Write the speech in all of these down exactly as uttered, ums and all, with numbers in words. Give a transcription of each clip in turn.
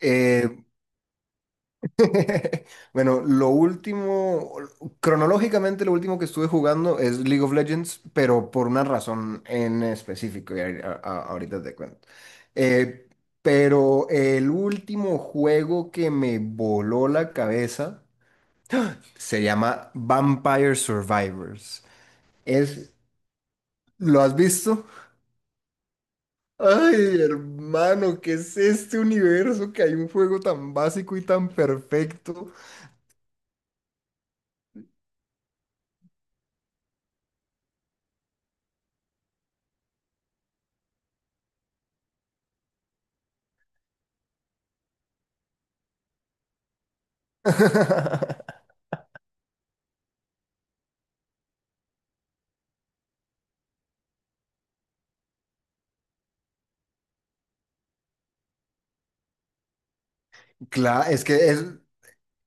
Eh, bueno, lo último, cronológicamente lo último que estuve jugando es League of Legends, pero por una razón en específico, y ahí- a- a- ahorita te cuento. Eh, pero el último juego que me voló la cabeza se llama Vampire Survivors. Es, ¿Lo has visto? Ay, hermano, ¿qué es este universo que hay un juego tan básico y tan perfecto? Claro, es que es,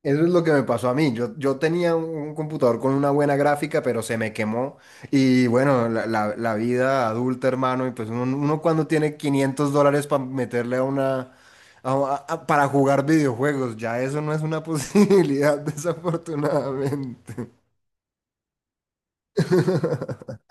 eso es lo que me pasó a mí. Yo, yo tenía un, un computador con una buena gráfica, pero se me quemó. Y bueno, la, la- la vida adulta, hermano, y pues uno, uno cuando tiene quinientos dólares para meterle a una... a- a- para jugar videojuegos, ya eso no es una posibilidad, desafortunadamente.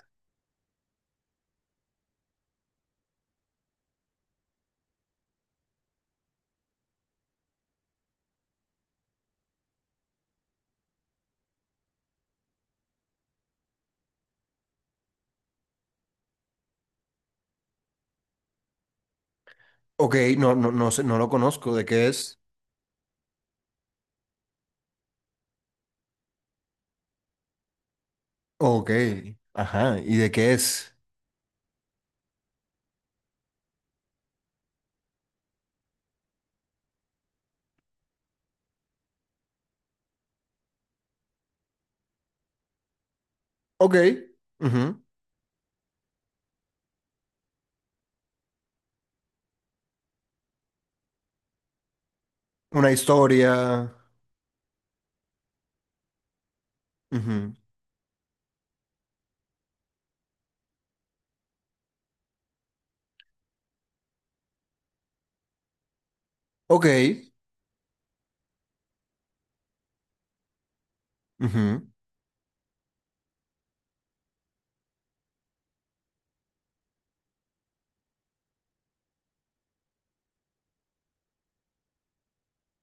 Ok, no, no, no sé, no lo conozco. ¿De qué es? Ok, ajá, ¿y de qué es? Ok, ujú. Una historia. Ujú. Ok. Ujú.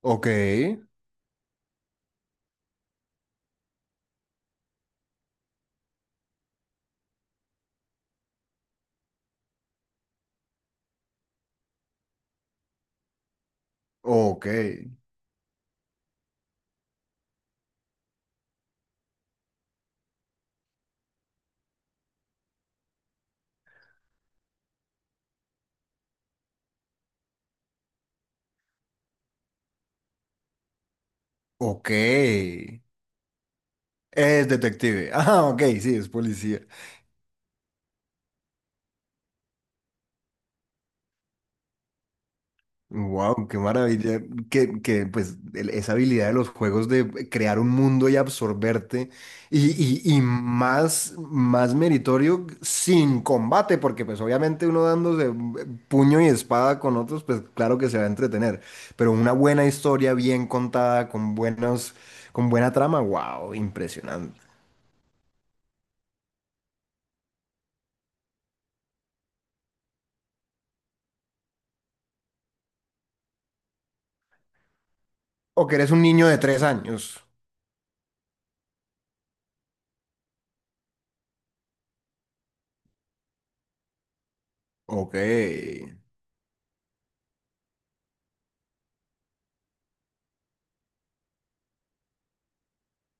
Ok, ok, ok. Es detective. Ah, ok, sí, es policía. Wow, qué maravilla. Que, que pues el- esa habilidad de los juegos de crear un mundo y absorberte. Y, y, y más, más meritorio sin combate, porque pues obviamente uno dándose puño y espada con otros, pues claro que se va a entretener. Pero una buena historia bien contada, con buenos, con buena trama, wow, impresionante. O que eres un niño de tres años. Ok.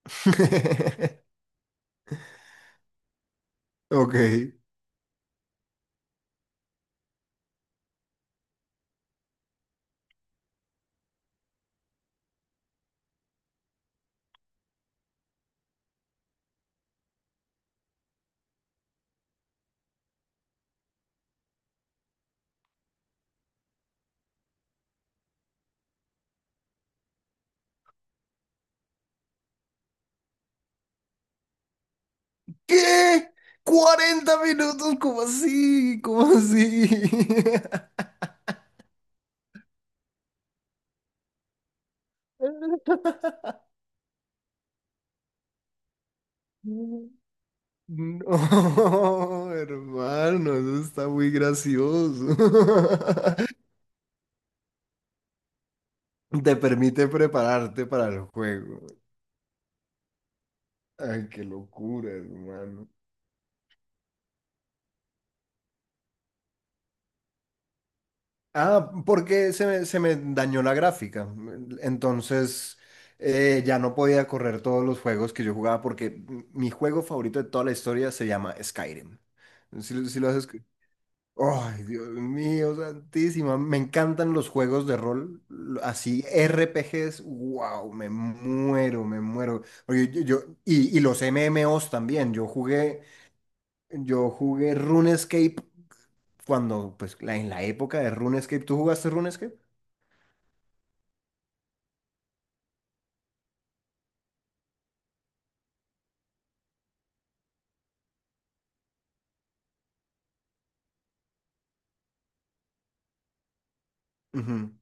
Ok. ¿Qué? ¿Cuarenta minutos? ¿Cómo así? ¿Cómo así? No, hermano, eso está muy gracioso. Te permite prepararte para el juego. Ay, qué locura, hermano. Ah, porque se me, se me dañó la gráfica. Entonces eh, ya no podía correr todos los juegos que yo jugaba porque mi juego favorito de toda la historia se llama Skyrim. Si, lo si lo has escu- Ay, Dios mío, santísima. Me encantan los juegos de rol, l- así R P Gs. Wow, me muero, me muero. Porque yo, yo- y, y los M M Os también. Yo jugué, yo jugué RuneScape cuando, pues, la- en la época de RuneScape. ¿Tú jugaste RuneScape? Ujú.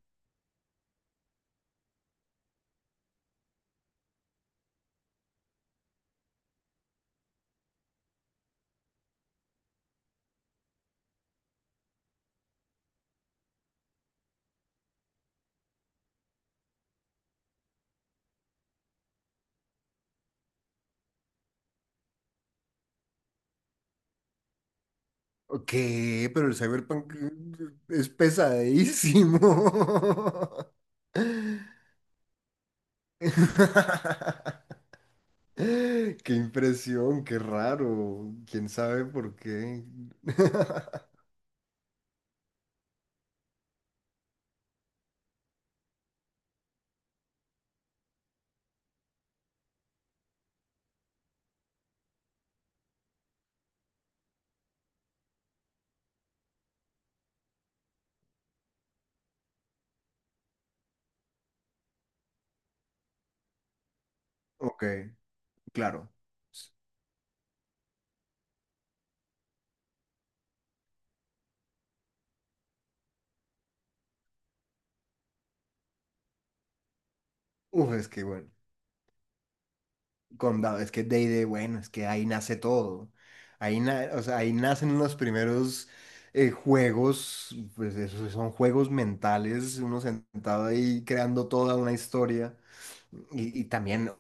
¿Qué? Pero el Cyberpunk es pesadísimo. Qué impresión, qué raro. ¿Quién sabe por qué? Ok, claro. Uf, es que bueno, Condado, es que D and D, bueno, es que ahí nace todo. Ahí, na- o sea, ahí nacen los primeros eh, juegos, pues esos son juegos mentales, uno sentado ahí creando toda una historia. Y, y también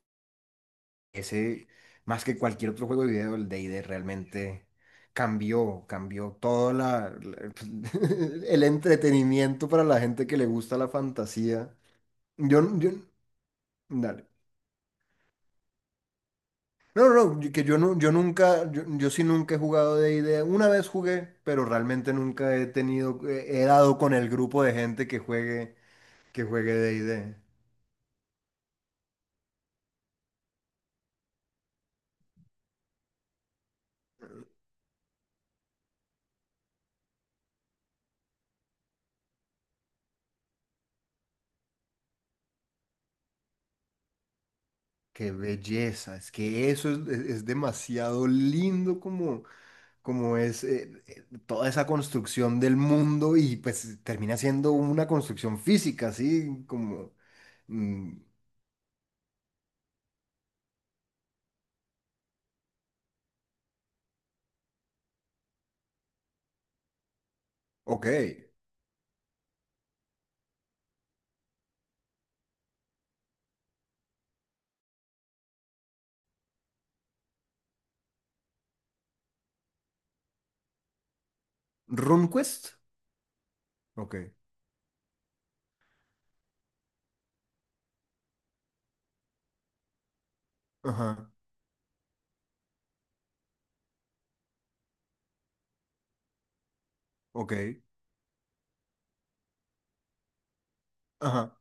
ese, más que cualquier otro juego de video, el D and D realmente cambió, cambió todo la, la- el entretenimiento para la gente que le gusta la fantasía. Yo, yo, dale. No, no, no, que yo, no, yo nunca, yo, yo sí nunca he jugado D and D. Una vez jugué, pero realmente nunca he tenido, he dado con el grupo de gente que juegue, que juegue D and D. Qué belleza, es que eso es, es es demasiado lindo como... como es eh, eh, toda esa construcción del mundo y pues termina siendo una construcción física, así como, mm, ok, RunQuest, ok, ajá, ok, ajá,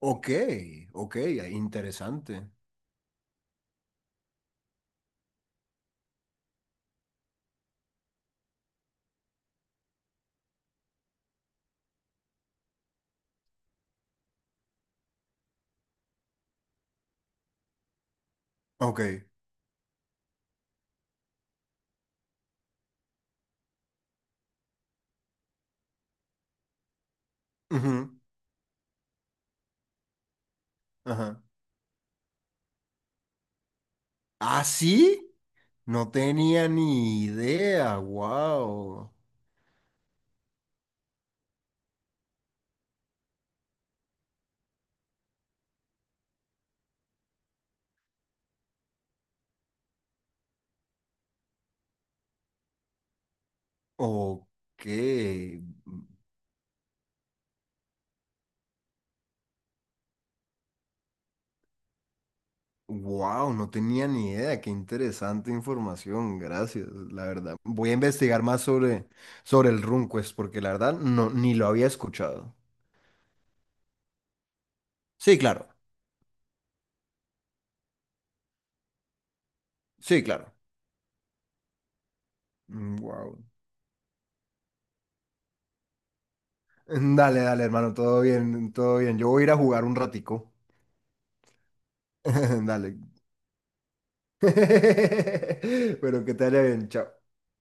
ok, ok, ah, interesante, ok, ujú, ajá, ¿ah, sí? No tenía ni idea, wow, ok. Wow, no tenía ni idea, qué interesante información, gracias, la verdad. Voy a investigar más sobre, sobre el RunQuest porque la verdad no, ni lo había escuchado. Sí, claro, sí, claro. Wow. Dale, dale, hermano, todo bien, todo bien. Yo voy a ir a jugar un ratico. Dale. Pero que te vaya bien, chao.